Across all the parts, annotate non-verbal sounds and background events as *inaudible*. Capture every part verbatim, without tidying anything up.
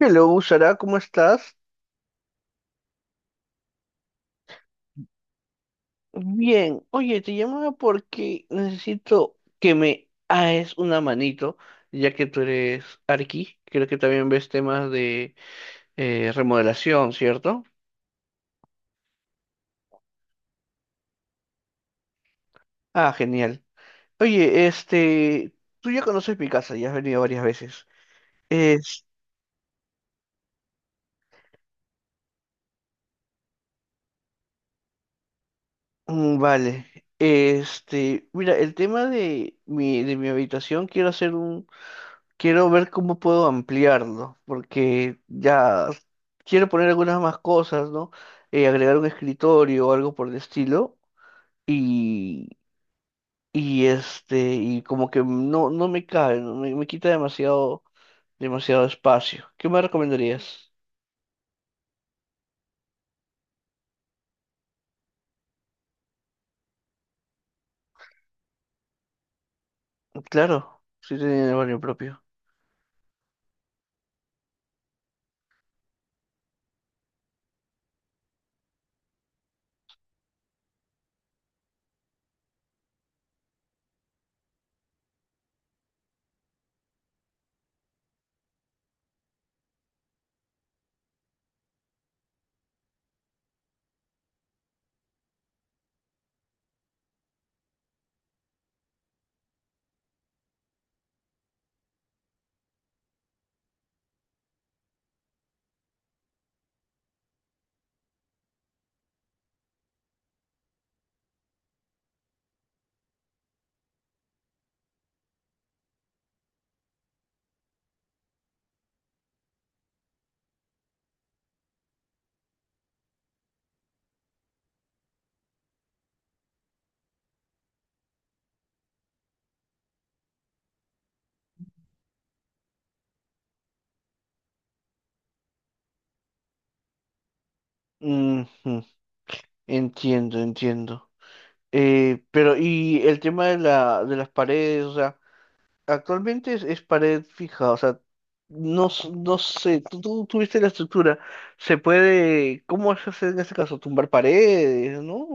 Hello, Sara, ¿cómo estás? Bien, oye, te llamaba porque necesito que me hagas una manito, ya que tú eres arqui, creo que también ves temas de eh, remodelación, ¿cierto? Ah, genial. Oye, este, tú ya conoces mi casa, ya has venido varias veces. Es, mm, vale, este, mira, el tema de mi, de mi habitación, quiero hacer un. Quiero ver cómo puedo ampliarlo, porque ya quiero poner algunas más cosas, ¿no? Eh, agregar un escritorio o algo por el estilo. Y, y este, y como que no, no me cabe, ¿no? Me, me quita demasiado, demasiado espacio. ¿Qué me recomendarías? Claro, sí tenía el barrio propio. Ujú, Entiendo, entiendo. Eh, pero, y el tema de la, de las paredes, o sea. Actualmente es, es pared fija, o sea, no, s- no sé, tú, tú tuviste la estructura, se puede, ¿cómo se hace en este caso? Tumbar paredes, ¿no?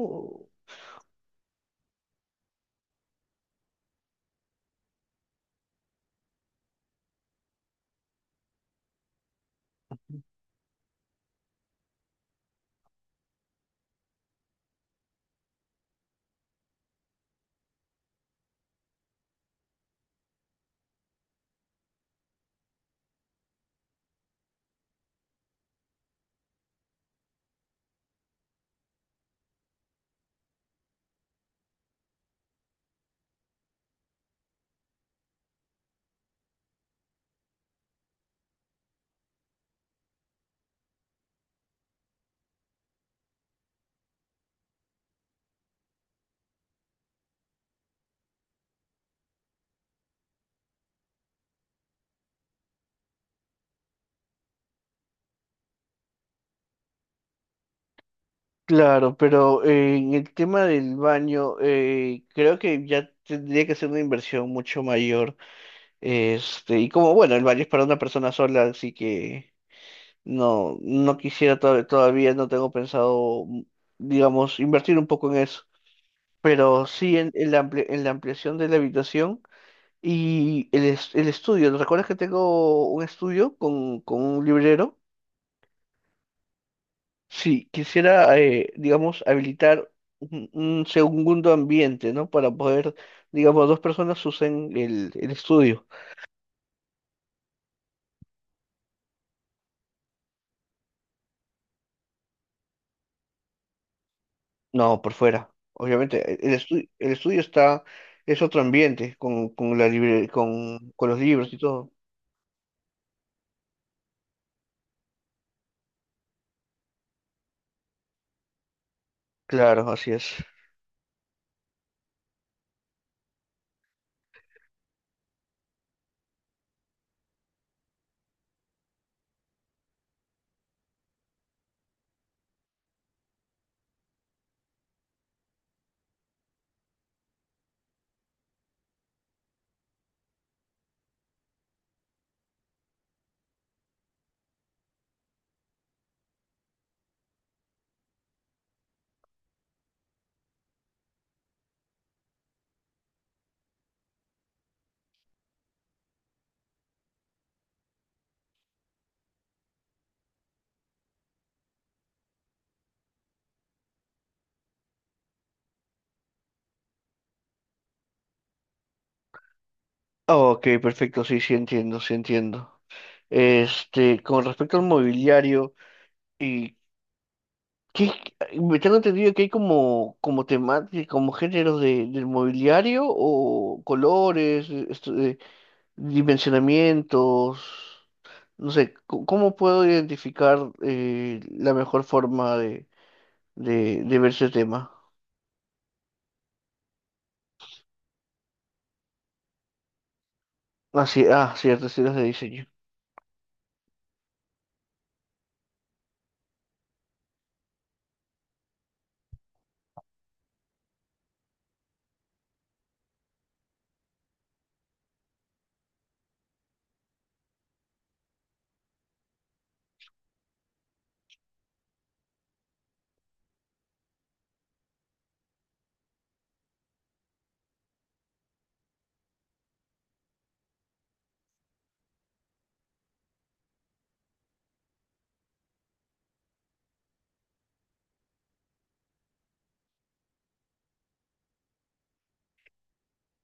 Claro, pero eh, en el tema del baño, eh, creo que ya tendría que ser una inversión mucho mayor, este, y como, bueno, el baño es para una persona sola, así que no, no quisiera to- todavía, no tengo pensado, mm, digamos, invertir un poco en eso, pero sí en en la ampli- en la ampliación de la habitación. Y el, es- el estudio, ¿te ¿recuerdas que tengo un estudio con, con un librero? Sí, quisiera, eh, digamos, habilitar un, un segundo ambiente, ¿no? Para poder, digamos, dos personas usen el, el estudio. No, por fuera. Obviamente, e- el estudio, el estudio está, es otro ambiente con, con la libre- con, con los libros y todo. Claro, así es. Ah, ok, perfecto, sí, sí entiendo, sí entiendo. Este, con respecto al mobiliario. Y ¿qué? Me tengo entendido que hay como, como temáticas, como géneros de, del mobiliario o colores, eh, esto de dimensionamientos. No sé, co- ¿cómo puedo identificar eh, la mejor forma de, de, de ver ese tema? Así, ah, ciertas ideas de diseño.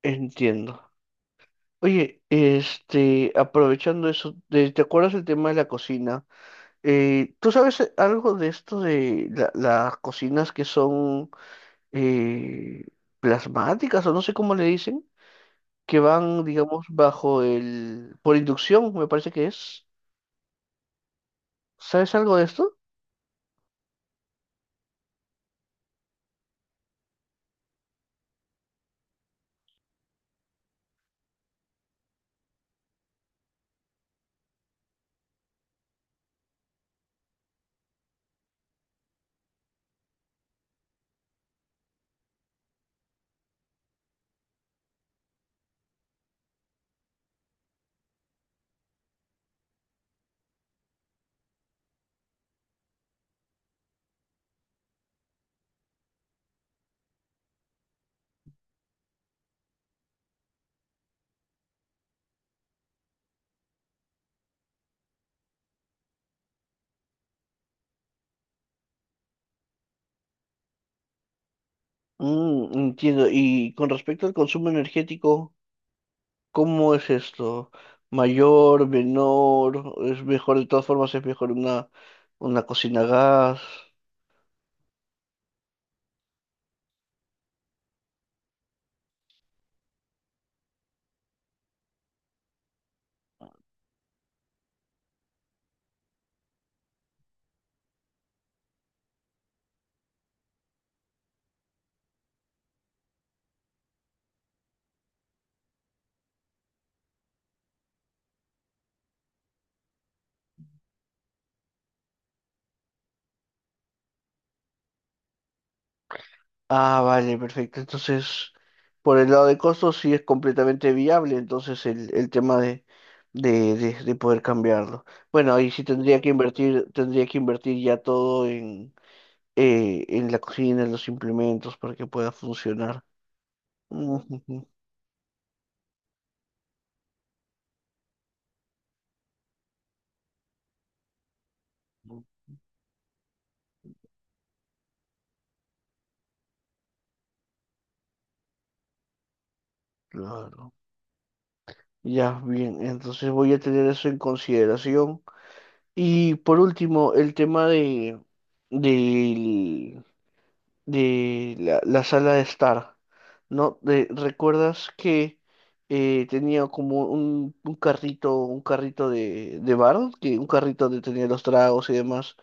Entiendo. Oye, este, aprovechando eso, de- ¿te acuerdas el tema de la cocina? Eh, ¿tú sabes algo de esto de la- las cocinas que son eh, plasmáticas o no sé cómo le dicen, que van, digamos, bajo el, por inducción, me parece que es. ¿Sabes algo de esto? Mm, entiendo. Y con respecto al consumo energético, ¿cómo es esto? ¿Mayor, menor? ¿Es mejor, de todas formas, es mejor una, una cocina a gas? Ah, vale, perfecto. Entonces, por el lado de costos sí es completamente viable, entonces el, el tema de, de, de, de poder cambiarlo. Bueno, ahí sí tendría que invertir, tendría que invertir ya todo en, eh, en la cocina, en los implementos para que pueda funcionar. Ujujú. Claro. Ya, bien, entonces voy a tener eso en consideración. Y por último, el tema de, del- de la, la sala de estar, ¿no? De- ¿recuerdas que eh, tenía como un, un carrito, un carrito de, de bar, que un carrito donde tenía los tragos y demás?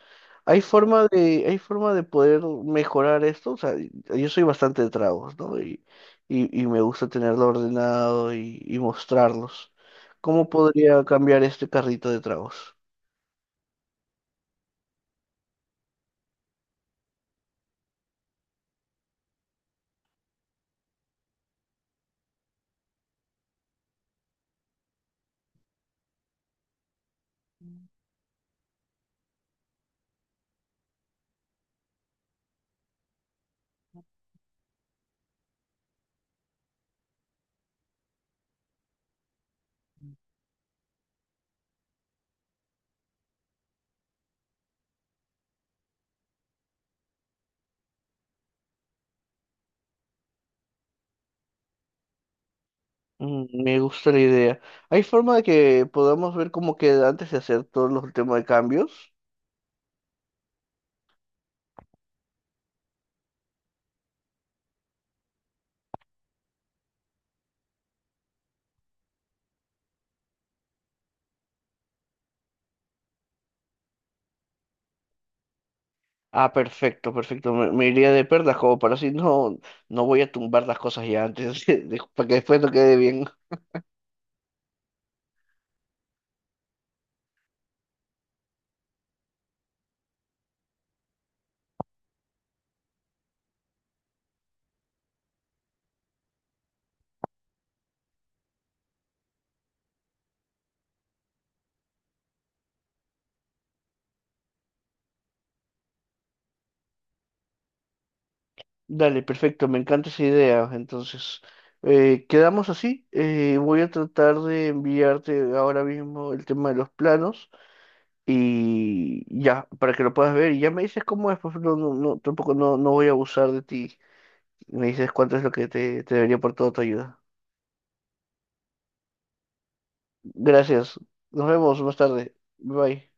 ¿Hay forma de, hay forma de poder mejorar esto? O sea, yo soy bastante de tragos, ¿no? Y, y, y me gusta tenerlo ordenado y, y mostrarlos. ¿Cómo podría cambiar este carrito de tragos? Mm, me gusta la idea. ¿Hay forma de que podamos ver cómo queda antes de hacer todos los temas de cambios? Ah, perfecto, perfecto. Me, me iría de perlas como para así no, no voy a tumbar las cosas ya antes, *laughs* de- para que después no quede bien. Dale, perfecto, me encanta esa idea. Entonces, eh, quedamos así. Eh, voy a tratar de enviarte ahora mismo el tema de los planos y ya, para que lo puedas ver. Y ya me dices cómo es, pues no, no, no, tampoco no, no voy a abusar de ti. Me dices cuánto es lo que te, te debería por toda tu ayuda. Gracias. Nos vemos más tarde. Bye.